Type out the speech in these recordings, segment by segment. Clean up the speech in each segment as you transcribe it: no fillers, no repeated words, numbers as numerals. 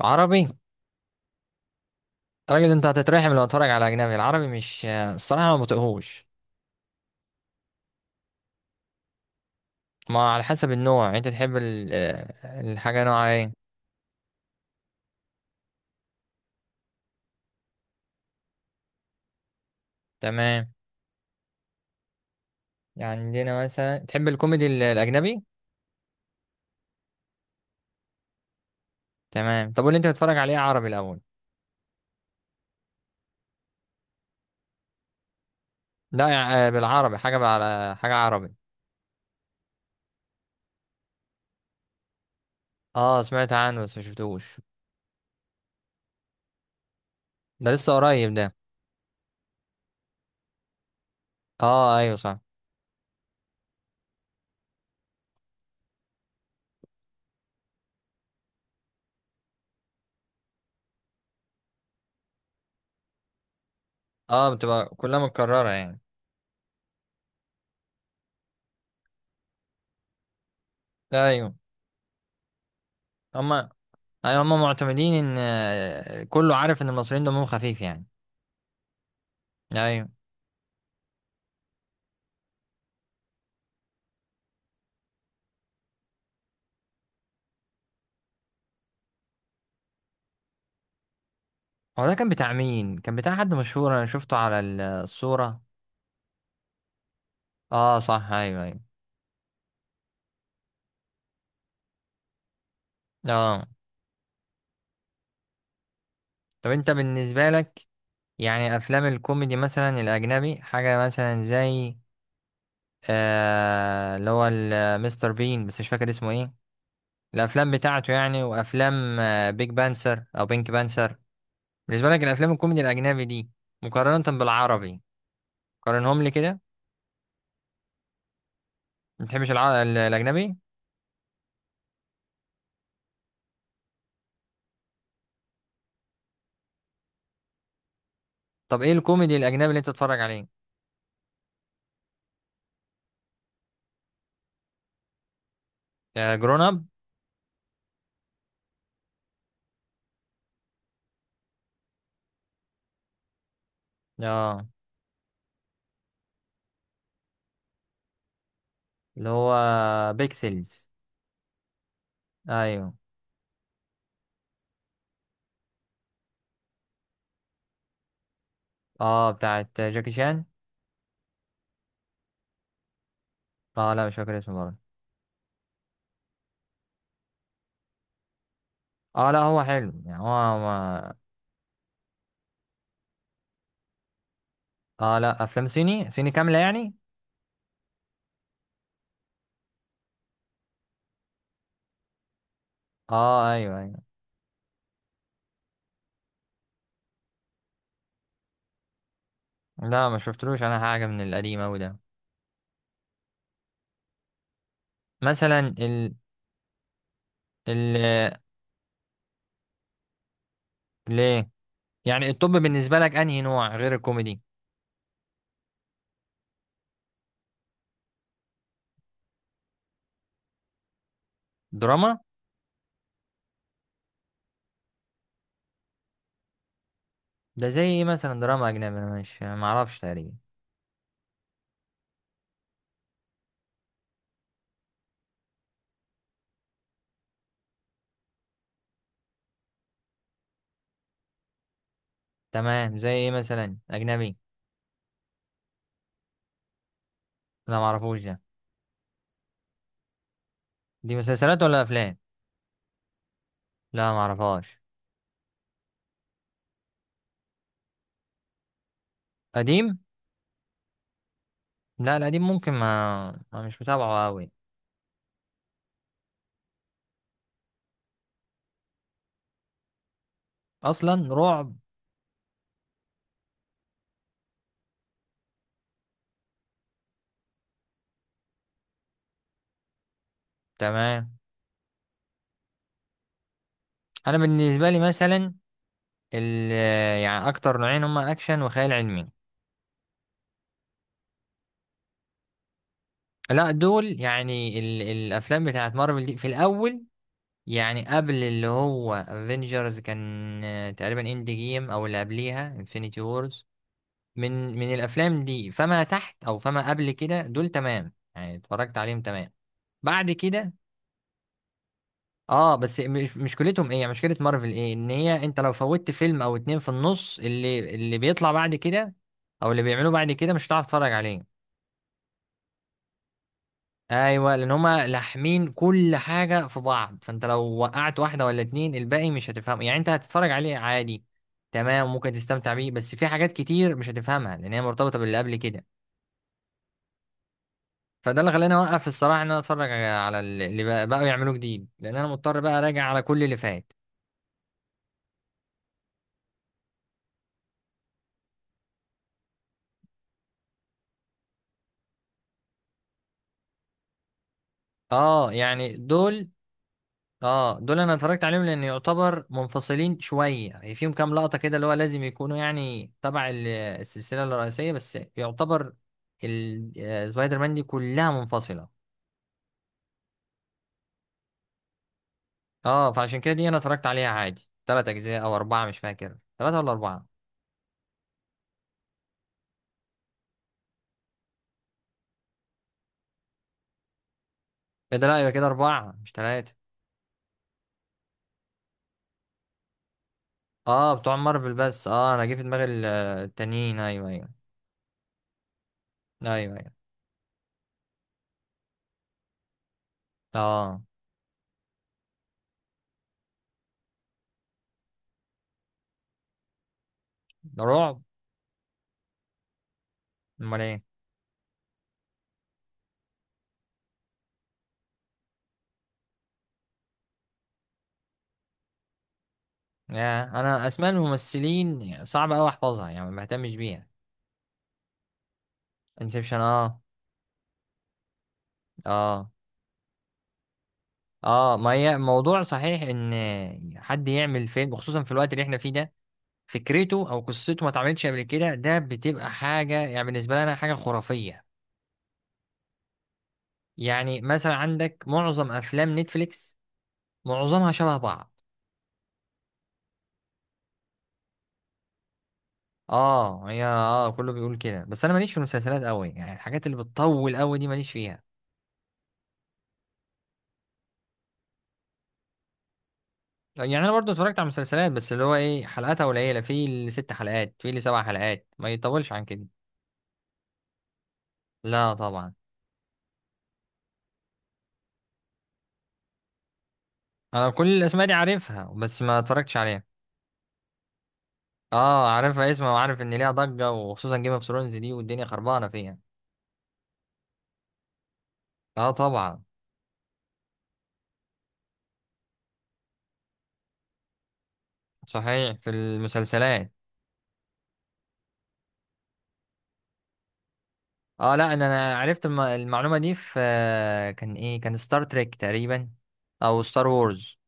عربي. راجل انت هتترحم لو اتفرج على اجنبي، العربي مش، الصراحه ما بطيقهوش. ما على حسب النوع، يعني انت تحب الحاجه نوعها ايه. تمام، يعني عندنا مثلا تحب الكوميدي الاجنبي. تمام، طب واللي انت بتتفرج عليه عربي الاول. لا، بالعربي حاجه على حاجه عربي. اه سمعت عنه بس ما شفتوش. ده لسه قريب ده. اه ايوه صح. اه بتبقى كلها متكرره يعني. ايوه هما، ايوه هما معتمدين ان كله عارف ان المصريين دمهم خفيف يعني. ايوه. هو ده كان بتاع مين؟ كان بتاع حد مشهور، انا شفته على الصورة. اه صح، ايوه ايوه. اه طب انت بالنسبة لك، يعني افلام الكوميدي مثلا الاجنبي، حاجة مثلا زي آه اللي هو مستر بين، بس مش فاكر اسمه ايه. الافلام بتاعته يعني، وافلام بيج بانسر او بينك بانسر. بالنسبة لك الافلام الكوميدي الاجنبي دي، مقارنة بالعربي، قارنهم لي كده. ما بتحبش الاجنبي. طب ايه الكوميدي الاجنبي اللي انت بتتفرج عليه؟ آه جرون اب. اه اللي هو بيكسلز. ايوه. اه بتاعت جاكي شان. اه لا مش فاكر اسمه برضه. اه لا هو حلو يعني، هو ما... اه لا افلام صيني صيني كامله يعني. اه ايوه ايوه. لا ما شفتلوش انا حاجه من القديم اوي ده. مثلا ال. ليه؟ يعني الطب بالنسبه لك انهي نوع غير الكوميدي؟ دراما. ده زي ايه مثلا دراما اجنبي، انا مش، ما اعرفش تقريبا. تمام، زي ايه مثلا اجنبي؟ لا ما اعرفوش ده. دي مسلسلات ولا افلام؟ لا ما اعرفهاش. قديم. لا القديم ممكن ما مش متابعه قوي. اصلا رعب؟ تمام. انا بالنسبه لي مثلا ال... يعني اكتر نوعين هما اكشن وخيال علمي. لا دول يعني الافلام بتاعت مارفل دي في الاول. يعني قبل اللي هو افنجرز كان تقريبا اند جيم، او اللي قبليها انفينيتي وورز. من من الافلام دي فما تحت، او فما قبل كده، دول تمام يعني اتفرجت عليهم تمام. بعد كده اه. بس مش، مشكلتهم ايه يعني، مشكلة مارفل ايه، ان هي انت لو فوتت فيلم او اتنين في النص، اللي بيطلع بعد كده او اللي بيعملوه بعد كده مش هتعرف تتفرج عليه. ايوه، لان هما لاحمين كل حاجة في بعض. فانت لو وقعت واحدة ولا اتنين الباقي مش هتفهمه، يعني انت هتتفرج عليه عادي، تمام، ممكن تستمتع بيه، بس في حاجات كتير مش هتفهمها لان هي مرتبطة باللي قبل كده. فده اللي خلاني اوقف الصراحة، ان انا اتفرج على اللي بقوا يعملوه جديد، لان انا مضطر بقى اراجع على كل اللي فات. اه يعني دول، اه دول انا اتفرجت عليهم لان يعتبر منفصلين شويه يعني. فيهم كام لقطه كده اللي هو لازم يكونوا يعني تبع السلسله الرئيسيه، بس يعتبر سبايدر مان دي كلها منفصله. اه فعشان كده دي انا اتفرجت عليها عادي. ثلاث اجزاء او اربعه، مش فاكر ثلاثه ولا اربعه. ايه ده؟ لا يبقى كده اربعه مش ثلاثه. اه بتوع مارفل بس، اه انا جه في دماغي التانيين، ايوه ايوه. ايوه ايوه. اه. ده رعب؟ امال ايه. يا، انا اسماء الممثلين صعب قوي احفظها يعني، ما بهتمش بيها. انسبشن، اه. اه. اه ما هي موضوع صحيح، ان حد يعمل فيلم خصوصا في الوقت اللي احنا فيه ده، فكرته او قصته ما اتعملتش قبل كده، ده بتبقى حاجه يعني بالنسبه لنا حاجه خرافيه. يعني مثلا عندك معظم افلام نتفليكس، معظمها شبه بعض. اه هي، اه كله بيقول كده بس انا ماليش في المسلسلات قوي يعني، الحاجات اللي بتطول قوي دي ماليش فيها. يعني انا برضو اتفرجت على مسلسلات بس اللي هو ايه، حلقاتها قليله، في اللي ست حلقات، في اللي سبع حلقات، ما يطولش عن كده. لا طبعا. انا كل الاسماء دي عارفها بس ما اتفرجتش عليها. اه عارفها اسمها، وعارف ان ليها ضجة وخصوصا جيم اوف ثرونز دي، والدنيا خربانة فيها. اه طبعا. صحيح في المسلسلات. اه لا، إن انا عرفت المعلومة دي في كان ايه، كان ستار تريك تقريبا او ستار وورز.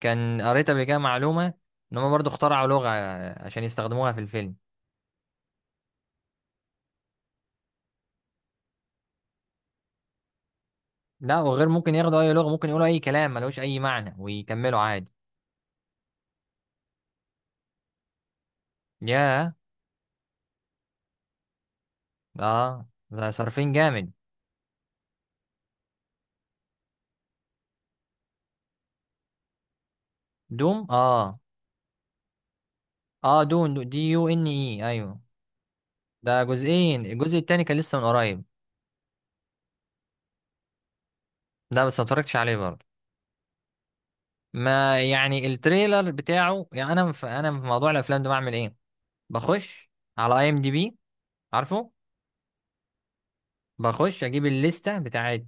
كان قريت قبل كده معلومة، ان هم برضو اخترعوا لغة عشان يستخدموها في الفيلم. لا، وغير ممكن ياخدوا اي لغة، ممكن يقولوا اي كلام ملوش اي معنى ويكملوا عادي. ياه. اه ده صارفين جامد. دوم، اه. اه دون، دي يو ان اي، ايوه. ده جزئين، الجزء التاني كان لسه من قريب. ده بس ما اتفرجتش عليه برضه، ما يعني التريلر بتاعه يعني. انا في موضوع الافلام ده بعمل ايه، بخش على اي ام دي بي، عارفه. بخش اجيب الليسته بتاعت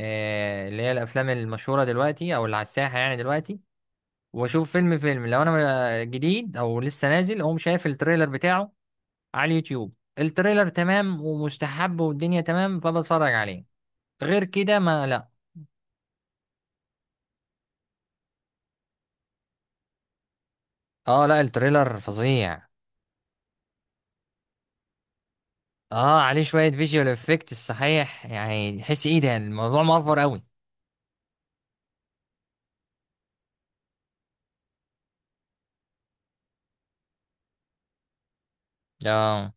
آه اللي هي الافلام المشهوره دلوقتي او اللي على الساحه يعني دلوقتي. واشوف فيلم لو انا جديد او لسه نازل، اقوم شايف التريلر بتاعه على اليوتيوب. التريلر تمام ومستحب والدنيا تمام، فبتفرج عليه. غير كده ما لا. اه لا التريلر فظيع. اه عليه شوية فيجوال افكت صحيح، يعني تحس ايه ده، الموضوع مأفور قوي. اه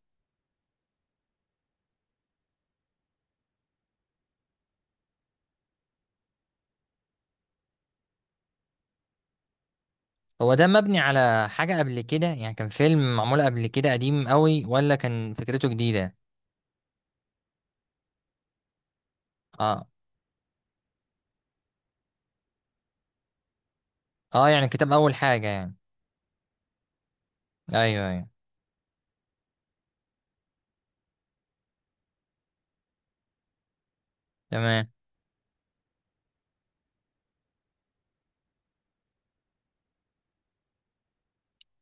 هو ده مبني على حاجة قبل كده يعني؟ كان فيلم معمول قبل كده قديم قوي، ولا كان فكرته جديدة؟ اه. اه يعني كتاب اول حاجة يعني. ايوه ايوه. تمام.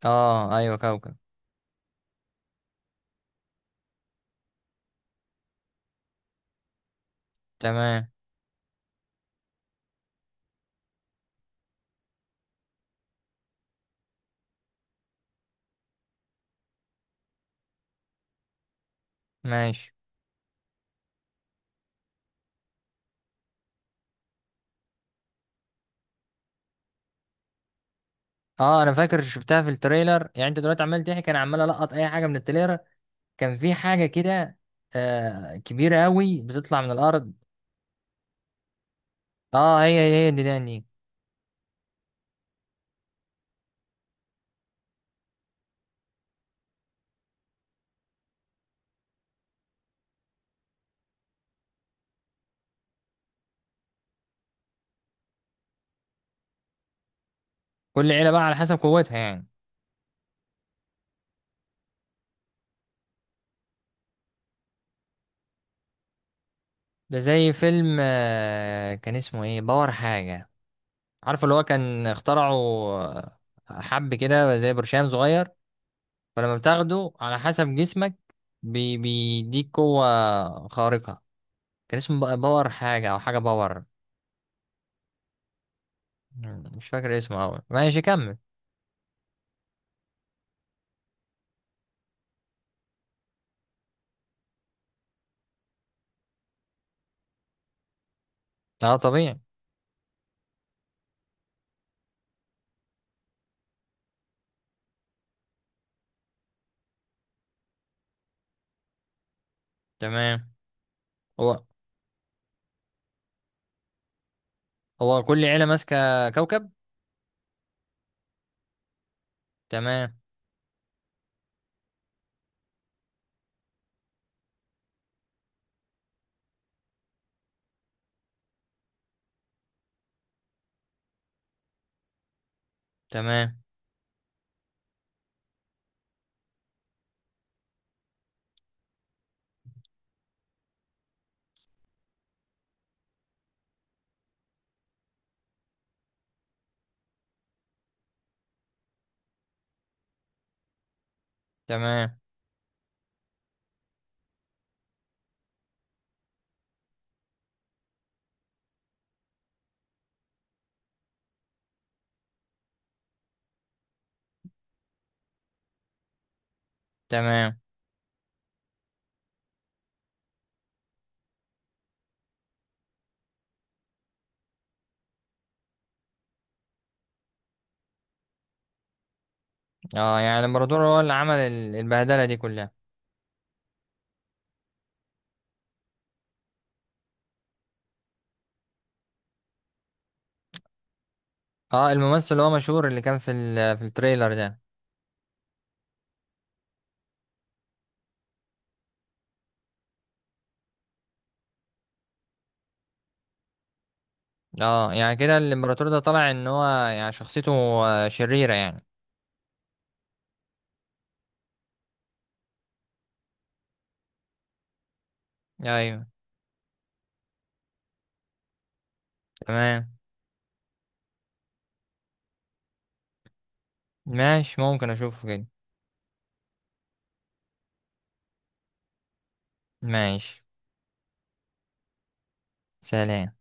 اه ايوه كوكب. تمام. ماشي. اه انا فاكر شفتها في التريلر، يعني انت دلوقتي عمال تحكي انا عمال القط اي حاجة من التريلر. كان في حاجة كده آه كبيرة قوي بتطلع من الارض. اه هي، هي دي. كل عيلة بقى على حسب قوتها يعني. ده زي فيلم كان اسمه ايه، باور حاجة، عارف اللي هو، كان اخترعه حب كده زي برشام صغير، فلما بتاخده على حسب جسمك بيديك قوة خارقة. كان اسمه بقى باور حاجة او حاجة باور. مش فاكر اسمه اوي، ماشي كمل. اه طبيعي. تمام. هو، هو كل عيلة ماسكة كوكب؟ تمام. تمام. تمام. تمام. اه يعني لما هو اللي عمل البهدلة دي كلها. اه الممثل اللي هو مشهور اللي كان في في التريلر ده. اه يعني كده الامبراطور ده طلع ان هو يعني شخصيته شريرة يعني. ايوه. تمام. ماشي، ممكن اشوفه كده. ماشي. سلام.